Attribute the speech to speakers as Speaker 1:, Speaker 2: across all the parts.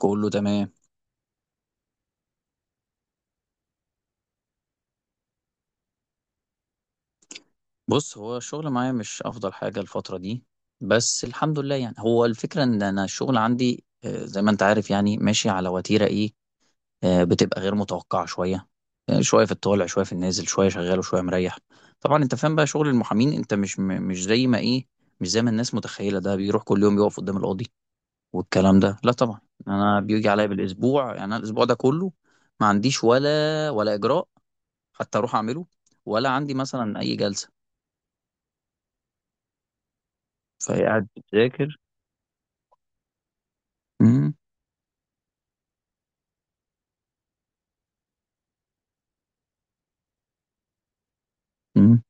Speaker 1: كله تمام. بص، هو الشغل معايا مش افضل حاجة الفترة دي. بس الحمد لله، يعني هو الفكرة ان انا الشغل عندي زي ما انت عارف، يعني ماشي على وتيرة ايه. بتبقى غير متوقعة شوية. شوية في الطالع شوية في النازل شوية شغال وشوية مريح. طبعا انت فاهم بقى شغل المحامين، انت مش مش زي ما ايه، مش زي ما الناس متخيلة ده بيروح كل يوم يقف قدام القاضي والكلام ده، لا طبعا. انا بيجي عليا بالاسبوع، يعني انا الاسبوع ده كله ما عنديش ولا اجراء حتى اروح اعمله، ولا عندي مثلا اي جلسة. فهي قاعد بتذاكر. مم. مم.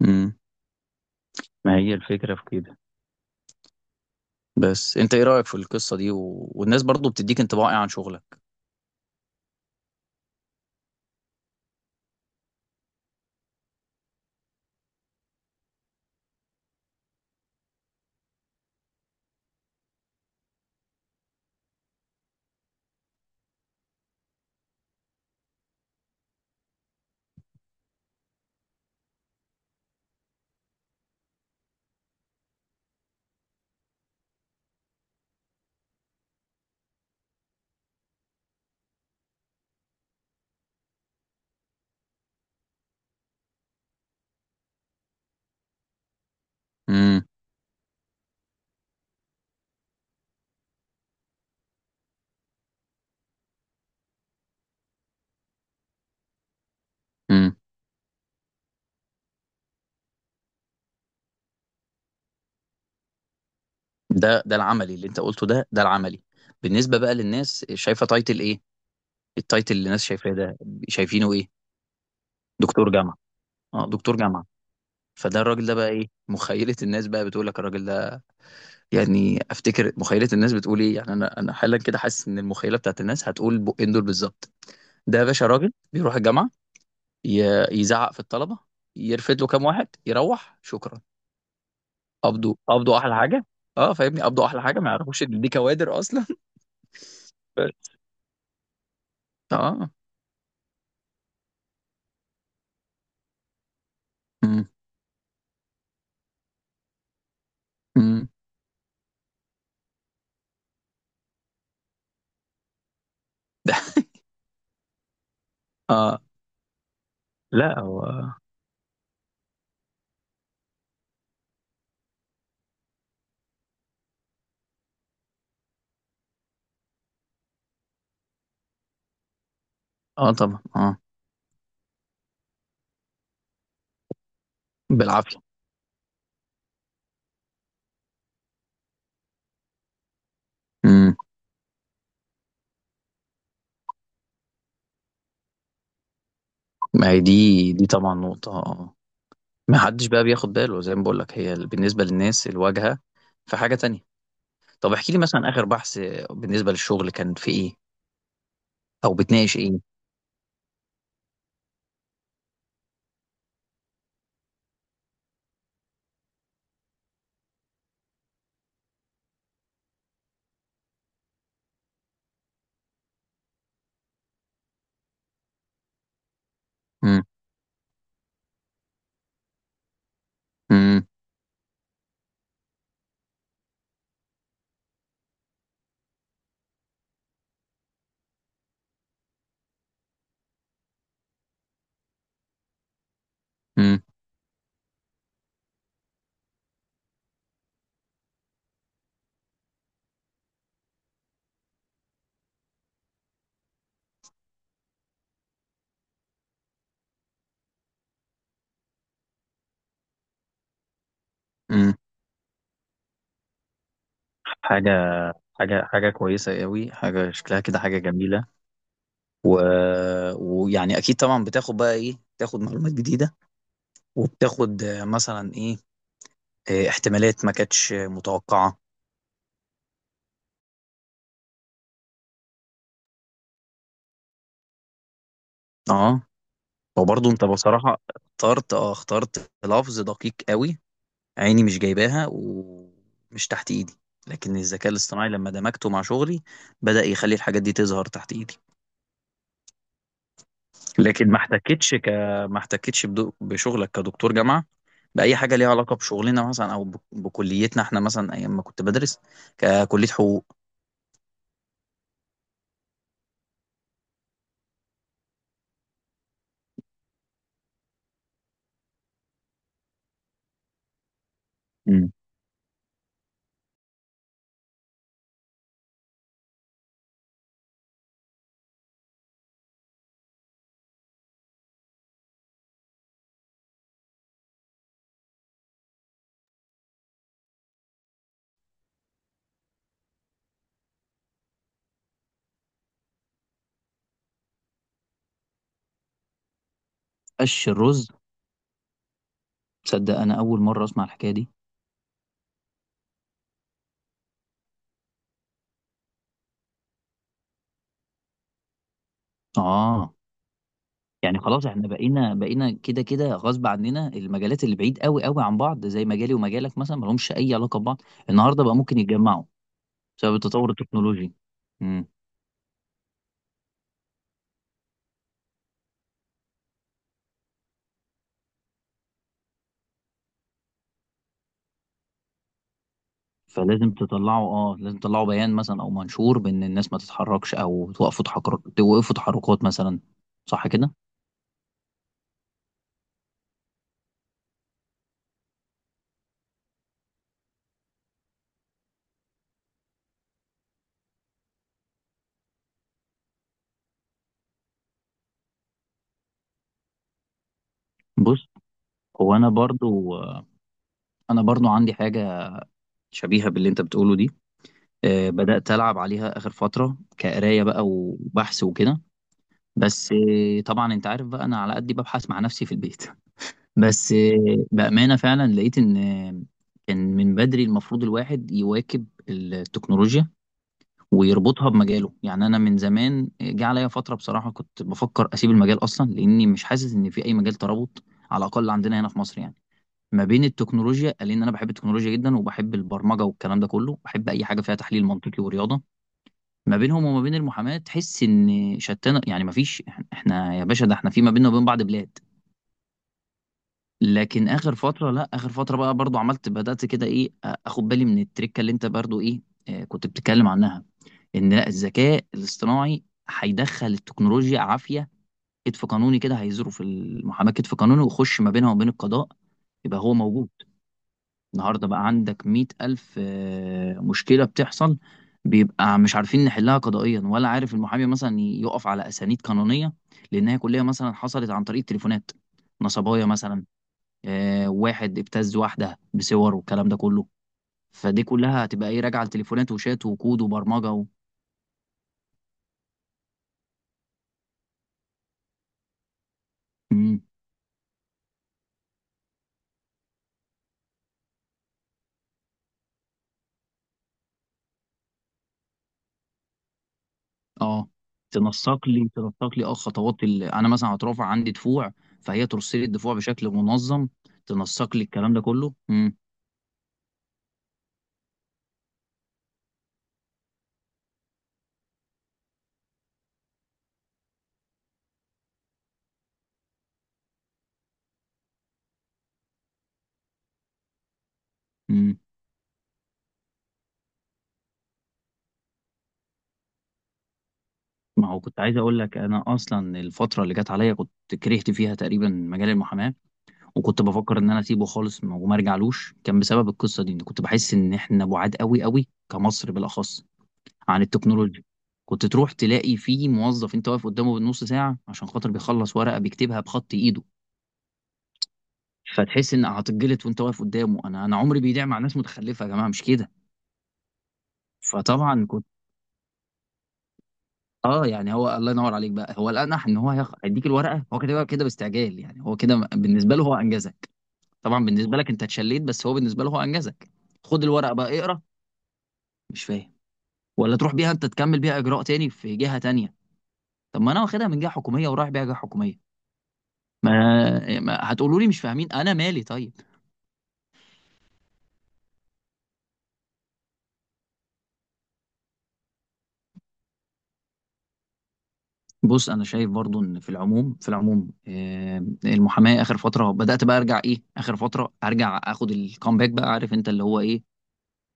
Speaker 1: مم. ما هي الفكرة في كده. بس انت ايه رأيك في القصة دي والناس برضو بتديك انطباع ايه عن شغلك؟ مم. مم. ده العملي اللي انت قلته، ده العملي. بالنسبة بقى للناس، شايفة تايتل ايه؟ التايتل اللي الناس شايفاه ده، شايفينه ايه؟ دكتور جامعة. اه دكتور جامعة. فده الراجل ده بقى ايه، مخيلة الناس بقى بتقول لك الراجل ده، يعني افتكر مخيلة الناس بتقول ايه، يعني انا حالا كده حاسس ان المخيلة بتاعت الناس هتقول بقين دول بالظبط. ده يا باشا راجل بيروح الجامعة، يزعق في الطلبه، يرفد له كام واحد يروح شكرا. قبضوا احلى حاجه. اه فاهمني، قبضوا احلى حاجه، ما يعرفوش ان دي كوادر اصلا بس. اه. امم. امم. ده. اه. لا هو. اه طبعا اه. بالعافيه. امم. ما هي دي طبعا نقطه، اه. ما حدش بقى بياخد باله، زي ما بقول لك، هي بالنسبه للناس الواجهه. في حاجه تانية؟ طب احكي لي مثلا، اخر بحث بالنسبه للشغل كان في ايه، او بتناقش ايه؟ امم. امم. امم. امم. حاجه. حاجة كويسة قوي، حاجة شكلها كده حاجة جميلة. و... ويعني أكيد طبعا بتاخد بقى إيه، بتاخد معلومات جديدة، وبتاخد مثلا إيه، احتمالات ما كانتش متوقعة. أه. وبرضه أنت بصراحة اخترت اخترت لفظ دقيق قوي، عيني مش جايباها ومش تحت إيدي، لكن الذكاء الاصطناعي لما دمجته مع شغلي بدأ يخلي الحاجات دي تظهر تحت إيدي. لكن ما احتكتش بشغلك كدكتور جامعة بأي حاجة ليها علاقة بشغلنا، مثلا أو بكليتنا إحنا، مثلا أيام ما كنت بدرس ككلية حقوق. مم. قش الرز. تصدق انا اول مره اسمع الحكايه دي. اه. يعني خلاص احنا بقينا كده كده غصب عننا، المجالات اللي بعيد قوي قوي عن بعض، زي مجالي ومجالك مثلا ملهمش اي علاقه ببعض. النهارده بقى ممكن يتجمعوا بسبب التطور التكنولوجي. امم. فلازم تطلعوا اه لازم تطلعوا بيان مثلا او منشور بان الناس ما تتحركش، او توقفوا تحرك توقفوا تحركات مثلا. صح كده؟ بص، هو انا برضو عندي حاجه شبيهه باللي انت بتقوله دي. بدات العب عليها اخر فتره كقرايه بقى وبحث وكده. بس طبعا انت عارف بقى انا على قد ببحث مع نفسي في البيت بس بامانه فعلا لقيت ان كان من بدري المفروض الواحد يواكب التكنولوجيا ويربطها بمجاله. يعني انا من زمان جه عليا فتره بصراحه كنت بفكر اسيب المجال اصلا، لاني مش حاسس ان في اي مجال ترابط، على الاقل عندنا هنا في مصر يعني، ما بين التكنولوجيا، لان انا بحب التكنولوجيا جدا وبحب البرمجه والكلام ده كله، بحب اي حاجه فيها تحليل منطقي ورياضه، ما بينهم وما بين المحاماه تحس ان شتان، يعني ما فيش. احنا يا باشا، ده احنا في ما بيننا وبين بعض بلاد. لكن اخر فتره، لا اخر فتره بقى برضو عملت بدات كده ايه، اخد بالي من التركه اللي انت برضو ايه كنت بتتكلم عنها، ان لا الذكاء الاصطناعي هيدخل التكنولوجيا عافيه، كتف قانوني كده هيزروا في المحاماه كتف قانوني ويخش ما بينها وبين القضاء. يبقى هو موجود. النهارده بقى عندك 100,000 مشكلة بتحصل، بيبقى مش عارفين نحلها قضائيا، ولا عارف المحامي مثلا يقف على أسانيد قانونية لأنها كلها مثلا حصلت عن طريق التليفونات، نصبايا مثلا، واحد ابتز واحدة بصور والكلام ده كله. فدي كلها هتبقى ايه راجعة لتليفونات وشات وكود وبرمجة مم. اه، تنسق لي خطوات انا مثلا هترافع عندي دفوع، فهي ترسل لي الدفوع بشكل منظم، تنسق لي الكلام ده كله. مم. مم. ما هو كنت عايز اقول لك، انا اصلا الفتره اللي جت عليا كنت كرهت فيها تقريبا مجال المحاماه، وكنت بفكر ان انا اسيبه خالص وما ارجعلوش، كان بسبب القصه دي، إن كنت بحس ان احنا بعاد قوي قوي كمصر بالاخص عن التكنولوجيا. كنت تروح تلاقي فيه موظف انت واقف قدامه بالنص ساعه عشان خاطر بيخلص ورقه بيكتبها بخط ايده، فتحس ان هتتجلط وانت واقف قدامه، انا عمري بيضيع مع ناس متخلفه يا جماعه، مش كده؟ فطبعا يعني هو الله ينوّر عليك بقى، هو الأنَح إن هو هيدّيك الورقة، هو كاتبها كده باستعجال، يعني هو كده بالنسبة له هو أنجزك، طبعًا بالنسبة لك أنت اتشلّيت، بس هو بالنسبة له هو أنجزك. خُد الورقة بقى اقرا، مش فاهم، والّا تروح بيها أنت تكمّل بيها إجراء تاني في جهة تانية، طَب ما أنا واخدها من جهة حكومية ورايح بيها جهة حكومية، ما هتقولوا لي مش فاهمين، أنا مالي طيب؟ بُص، أنا شايف برضه إن في العموم المحاماة آخر فترة بدأت بقى أرجع إيه، آخر فترة آخُد الcomeback بقى، عارف أنت اللي هو إيه،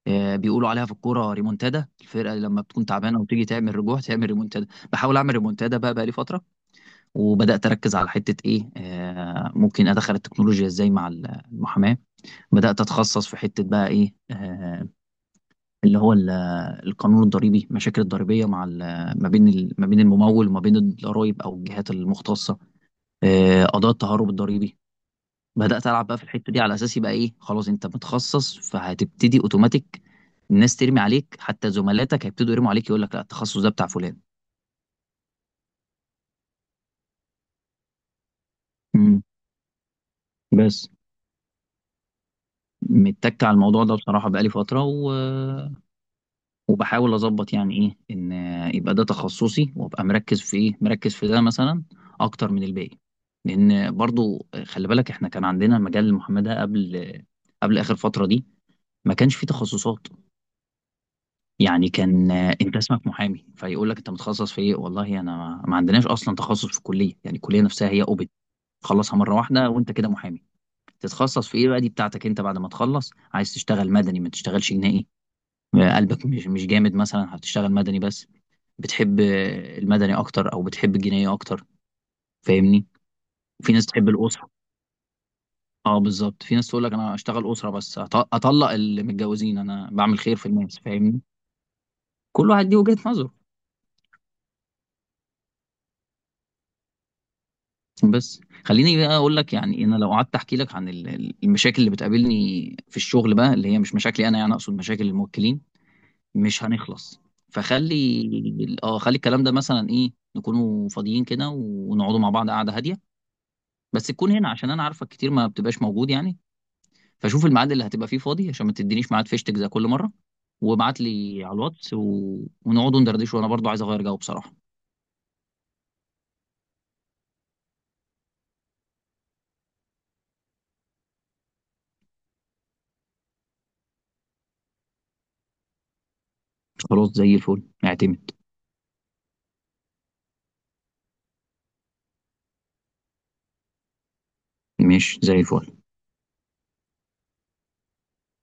Speaker 1: بيقولوا عليها في الكوره ريمونتادا، الفرقه اللي لما بتكون تعبانه وتيجي تعمل رجوع تعمل ريمونتادا. بحاول اعمل ريمونتادا بقى لي فتره، وبدات اركز على حته ايه ممكن ادخل التكنولوجيا ازاي مع المحاماه، بدات اتخصص في حته بقى ايه اللي هو القانون الضريبي، المشاكل الضريبيه مع ما بين الممول وما بين الضرائب او الجهات المختصه، قضايا التهرب الضريبي. بدأت ألعب بقى في الحتة دي على أساس يبقى إيه، خلاص أنت متخصص فهتبتدي أوتوماتيك الناس ترمي عليك، حتى زملاتك هيبتدوا يرموا عليك يقول لك لا التخصص ده بتاع فلان. امم. بس متك على الموضوع ده بصراحة بقالي فترة وبحاول أظبط يعني إيه إن يبقى ده تخصصي وأبقى مركز في إيه، مركز في ده مثلا أكتر من الباقي. لأن برضو خلي بالك إحنا كان عندنا مجال المحاماة ده قبل، قبل آخر فترة دي، ما كانش فيه تخصصات، يعني كان انت اسمك محامي فيقول لك انت متخصص في ايه، والله انا ما عندناش اصلا تخصص في الكليه، يعني الكليه نفسها هي اوبت تخلصها مره واحده وانت كده محامي. تتخصص في ايه بقى دي بتاعتك انت، بعد ما تخلص عايز تشتغل مدني ما تشتغلش جنائي، قلبك مش جامد مثلا هتشتغل مدني بس، بتحب المدني اكتر او بتحب الجنائي اكتر، فاهمني؟ في ناس تحب الاسره، اه بالظبط، في ناس تقول لك انا اشتغل اسره بس، اطلق اللي متجوزين، انا بعمل خير في الناس، فاهمني؟ كل واحد ليه وجهة نظره. بس خليني بقى اقول لك، يعني انا لو قعدت احكي لك عن المشاكل اللي بتقابلني في الشغل بقى، اللي هي مش مشاكلي انا، يعني اقصد مشاكل الموكلين، مش هنخلص. فخلي خلي الكلام ده مثلا ايه، نكونوا فاضيين كده ونقعدوا مع بعض قعده هاديه، بس تكون هنا عشان انا عارفك كتير ما بتبقاش موجود يعني، فشوف الميعاد اللي هتبقى فيه فاضي عشان ما تدينيش ميعاد فيشتك زي كل مره، وابعت لي على الواتس ونقعدوا ندردش، وانا برضو عايز اغير جو بصراحه. خلاص زي الفل اعتمد. ماشي زي الفل.